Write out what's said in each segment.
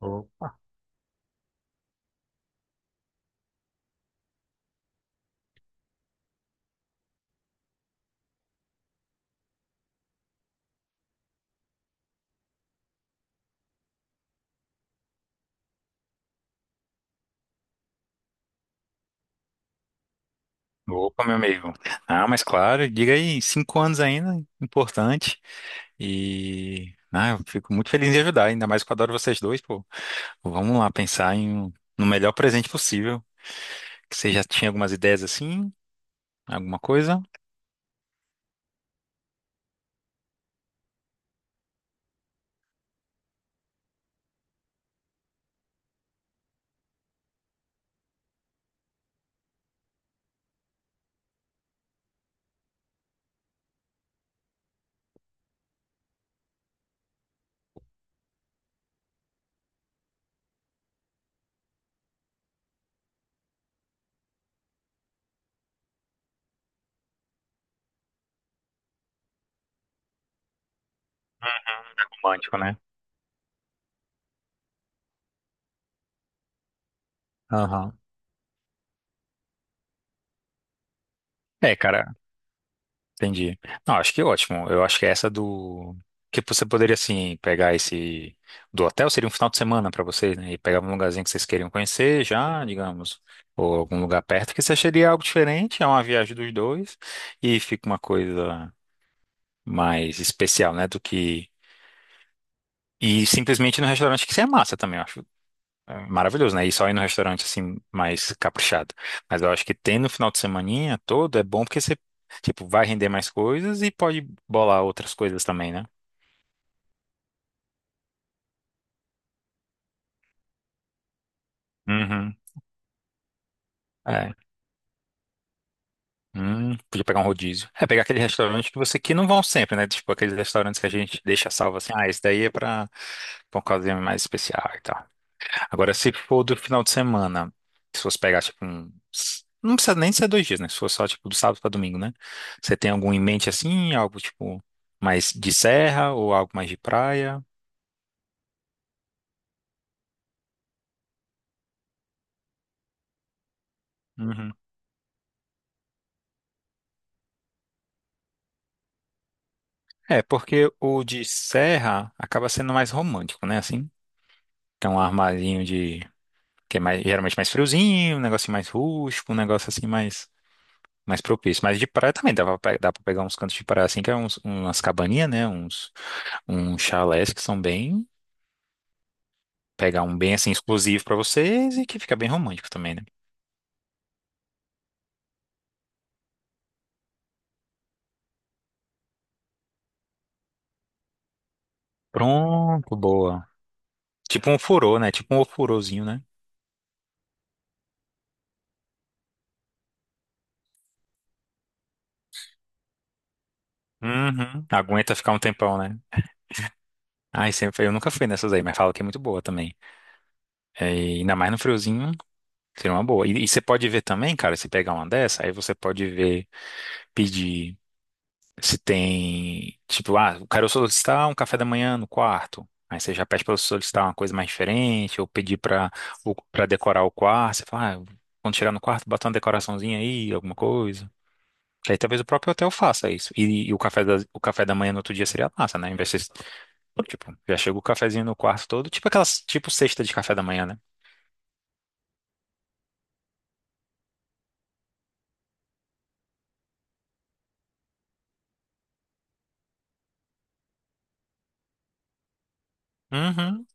Ô- Opa, meu amigo. Ah, mas claro, diga aí, 5 anos ainda, importante. Eu fico muito feliz em ajudar, ainda mais que eu adoro vocês dois, pô. Vamos lá pensar em no melhor presente possível. Que você já tinha algumas ideias assim, alguma coisa? Romântico, né? Aham. É, cara, entendi. Não, acho que ótimo. Eu acho que é essa do. Que você poderia, assim, pegar esse. Do hotel seria um final de semana pra vocês, né? E pegar um lugarzinho que vocês queriam conhecer já, digamos. Ou algum lugar perto, que você seria algo diferente. É uma viagem dos dois. E fica uma coisa mais especial, né? Do que. E simplesmente no restaurante que você é massa também. É maravilhoso, né? E só ir no restaurante assim, mais caprichado. Mas eu acho que ter no final de semaninha todo é bom porque você, tipo, vai render mais coisas e pode bolar outras coisas também, né? Uhum. É. Podia pegar um rodízio. É, pegar aquele restaurante que você que não vão sempre, né? Tipo, aqueles restaurantes que a gente deixa salvo assim, ah, esse daí é pra, pra uma ocasião mais especial e tal. Agora, se for do final de semana, se você pegar, tipo, um... Não precisa nem ser dois dias, né? Se for só, tipo, do sábado para domingo, né? Você tem algum em mente, assim? Algo, tipo, mais de serra ou algo mais de praia? Uhum. É, porque o de serra acaba sendo mais romântico, né? Assim, tem um armarinho de... Que é mais, geralmente mais friozinho, um negócio mais rústico, um negócio, assim, mais... Mais propício. Mas de praia também dá pra, dá pra pegar uns cantos de praia, assim, que é uns, umas cabaninhas, né? Uns, uns chalés que são bem... pegar um bem assim exclusivo pra vocês e que fica bem romântico também, né? Pronto, boa. Tipo um furô, né? Tipo um ofurôzinho, né? Uhum. Aguenta ficar um tempão, né? Ai, sempre, eu nunca fui nessas aí, mas falo que é muito boa também. É, e ainda mais no friozinho, seria uma boa. E você pode ver também, cara, se pegar uma dessa, aí você pode ver, pedir. Se tem, tipo, ah, eu quero solicitar um café da manhã no quarto. Aí você já pede para solicitar uma coisa mais diferente, ou pedir para decorar o quarto. Você fala, ah, quando chegar no quarto, bota uma decoraçãozinha aí, alguma coisa. Que aí talvez o próprio hotel faça isso. E, o café da manhã no outro dia seria massa, né? Em vez de, tipo, já chega o cafezinho no quarto todo, tipo aquelas, tipo cesta de café da manhã, né? Uhum,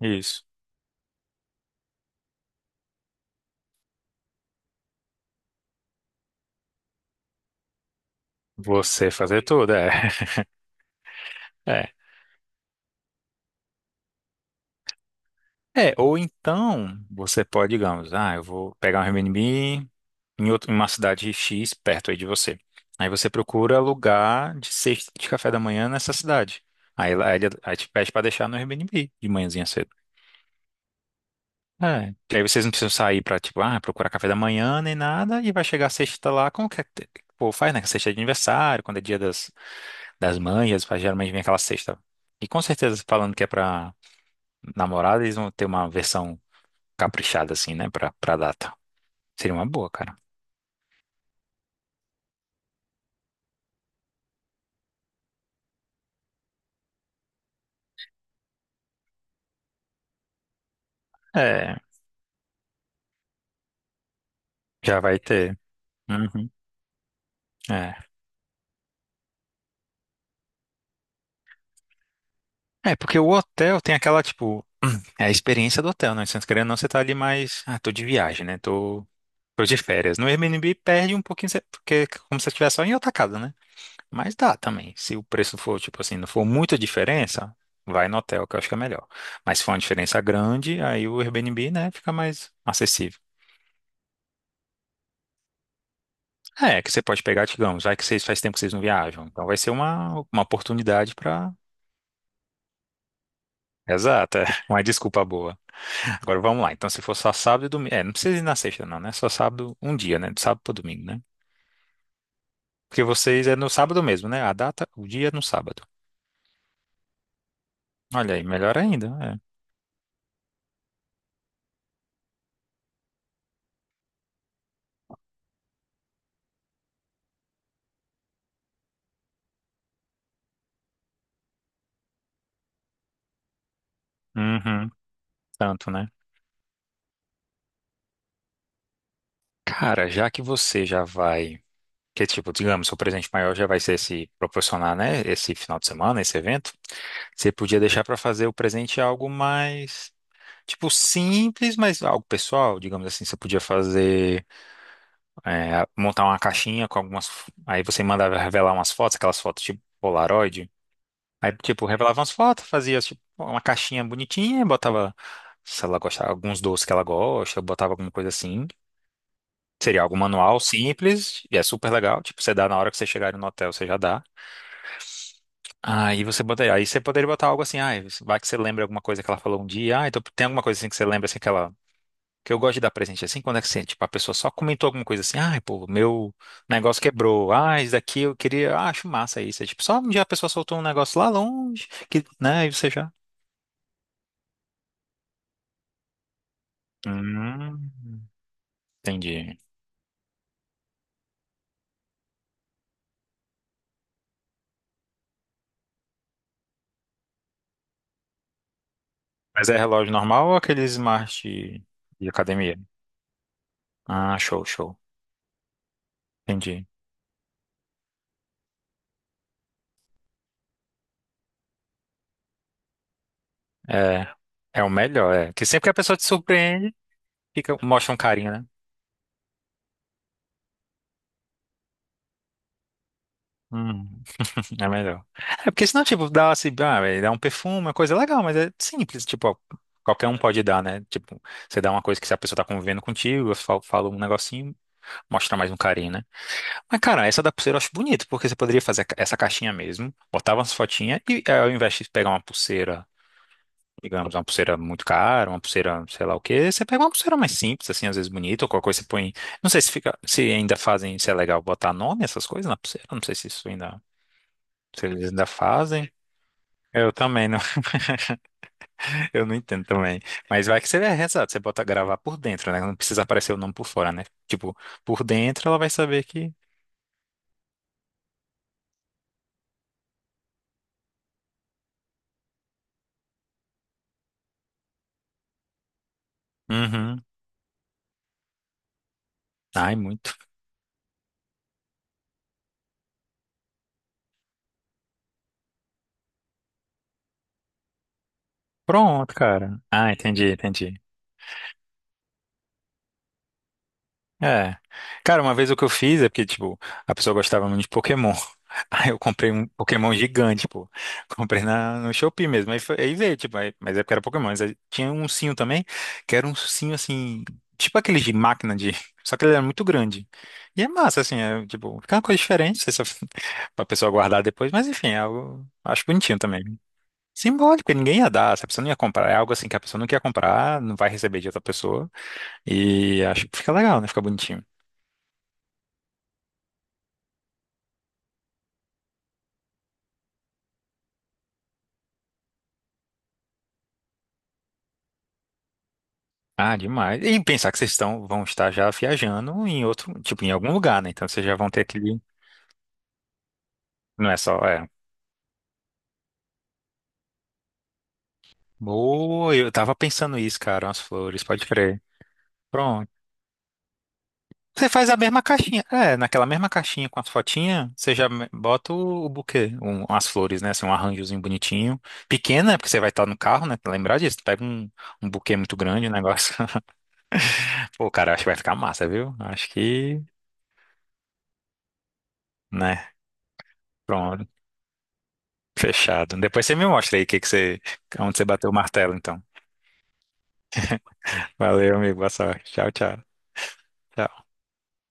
isso. Você fazer tudo, é. É, ou então você pode, digamos, ah, eu vou pegar um Airbnb em em uma cidade X perto aí de você. Aí você procura lugar de cesta de café da manhã nessa cidade. Aí, aí, aí te pede para deixar no Airbnb de manhãzinha cedo. É. Que aí vocês não precisam sair para tipo, ah, procurar café da manhã nem nada e vai chegar a sexta lá com o que é que pô, faz, né? Sexta é de aniversário, quando é dia das, das mães, geralmente vem aquela sexta. E com certeza falando que é pra namorada, eles vão ter uma versão caprichada, assim, né, pra, pra data. Seria uma boa, cara. É, já vai ter. Uhum, é. É, porque o hotel tem aquela, tipo, é a experiência do hotel, né? Você querendo ou não, você tá ali mais. Ah, tô de viagem, né? Tô, tô de férias. No Airbnb perde um pouquinho, porque é como se você estivesse só em outra casa, né? Mas dá também. Se o preço for, tipo assim, não for muita diferença, vai no hotel, que eu acho que é melhor. Mas se for uma diferença grande, aí o Airbnb, né, fica mais acessível. É, que você pode pegar, digamos, já que vocês faz tempo que vocês não viajam. Então vai ser uma oportunidade para. Exato, é uma desculpa boa. Agora vamos lá. Então, se for só sábado e domingo. É, não precisa ir na sexta, não, né? Só sábado, um dia, né? De sábado para domingo, né? Porque vocês é no sábado mesmo, né? A data, o dia é no sábado. Olha aí, melhor ainda. É. Uhum, tanto, né? Cara, já que você já vai. Que tipo, digamos, seu presente maior já vai ser se proporcionar, né? Esse final de semana, esse evento. Você podia deixar para fazer o presente algo mais tipo, simples, mas algo pessoal, digamos assim, você podia fazer, é, montar uma caixinha com algumas, aí você mandava revelar umas fotos, aquelas fotos tipo Polaroid, aí tipo, revelava umas fotos, fazia tipo uma caixinha bonitinha, botava, se ela gostava, alguns doces que ela gosta, botava alguma coisa assim, seria algo manual, simples, e é super legal, tipo, você dá na hora que você chegar no hotel, você já dá, aí você botaria, aí você poderia botar algo assim, ah, vai que você lembra alguma coisa que ela falou um dia, ah, então tem alguma coisa assim que você lembra, assim, que ela que eu gosto de dar presente assim, quando é que assim, tipo, a pessoa só comentou alguma coisa assim, ai, pô, meu negócio quebrou, ah, isso daqui eu queria, ah, acho massa isso. É tipo, só um dia a pessoa soltou um negócio lá longe, que, né, e você já. Hum, entendi. Mas é relógio normal ou aquele smart de academia? Ah, show, show. Entendi. É, é o melhor, é. Que sempre que a pessoa te surpreende, fica, mostra um carinho, né? Hum. É melhor. É porque senão, tipo, dá assim, ah, velho, dá um perfume, uma coisa legal, mas é simples, tipo, ó, qualquer um pode dar, né? Tipo, você dá uma coisa que se a pessoa tá convivendo contigo, eu falo, falo um negocinho, mostra mais um carinho, né? Mas, cara, essa da pulseira eu acho bonito, porque você poderia fazer essa caixinha mesmo, botava umas fotinhas e é, ao invés de pegar uma pulseira, digamos, uma pulseira muito cara, uma pulseira, sei lá o quê, você pega uma pulseira mais simples, assim, às vezes bonita, ou qualquer coisa você põe. Não sei se fica, se ainda fazem, se é legal botar nome, essas coisas na pulseira, não sei se isso ainda, se eles ainda fazem. Eu também não, eu não entendo também. Mas vai que você é exato, você bota gravar por dentro, né? Não precisa aparecer o nome por fora, né? Tipo, por dentro ela vai saber que. Uhum. Ai, muito. Pronto, cara. Ah, entendi, entendi. É. Cara, uma vez o que eu fiz é porque, tipo, a pessoa gostava muito de Pokémon. Aí eu comprei um Pokémon gigante, pô. Comprei na, no Shopee mesmo. Aí, foi, aí veio, tipo, mas é porque era Pokémon. Mas aí tinha um ursinho também, que era um ursinho assim, tipo aquele de máquina de. Só que ele era muito grande. E é massa, assim, é, tipo, fica uma coisa diferente, essa, pra pessoa guardar depois. Mas enfim, é algo. Acho bonitinho também. Simbólico, e ninguém ia dar, essa pessoa não ia comprar. É algo assim que a pessoa não quer comprar, não vai receber de outra pessoa. E acho que fica legal, né? Fica bonitinho. Ah, demais. E pensar que vocês estão, vão estar já viajando em outro, tipo, em algum lugar, né? Então vocês já vão ter que. Não é só, é. Boa, eu tava pensando isso, cara, umas flores, pode crer. Pronto. Você faz a mesma caixinha. É, naquela mesma caixinha com as fotinhas, você já bota o buquê, um, as flores, né? Assim, um arranjozinho bonitinho. Pequena, né? Porque você vai estar no carro, né? Lembrar disso. Pega um, um buquê muito grande, o negócio. Pô, cara, acho que vai ficar massa, viu? Acho que, né? Pronto. Fechado. Depois você me mostra aí o que que você, onde você bateu o martelo, então. Valeu, amigo. Boa sorte. Tchau, tchau. Tchau.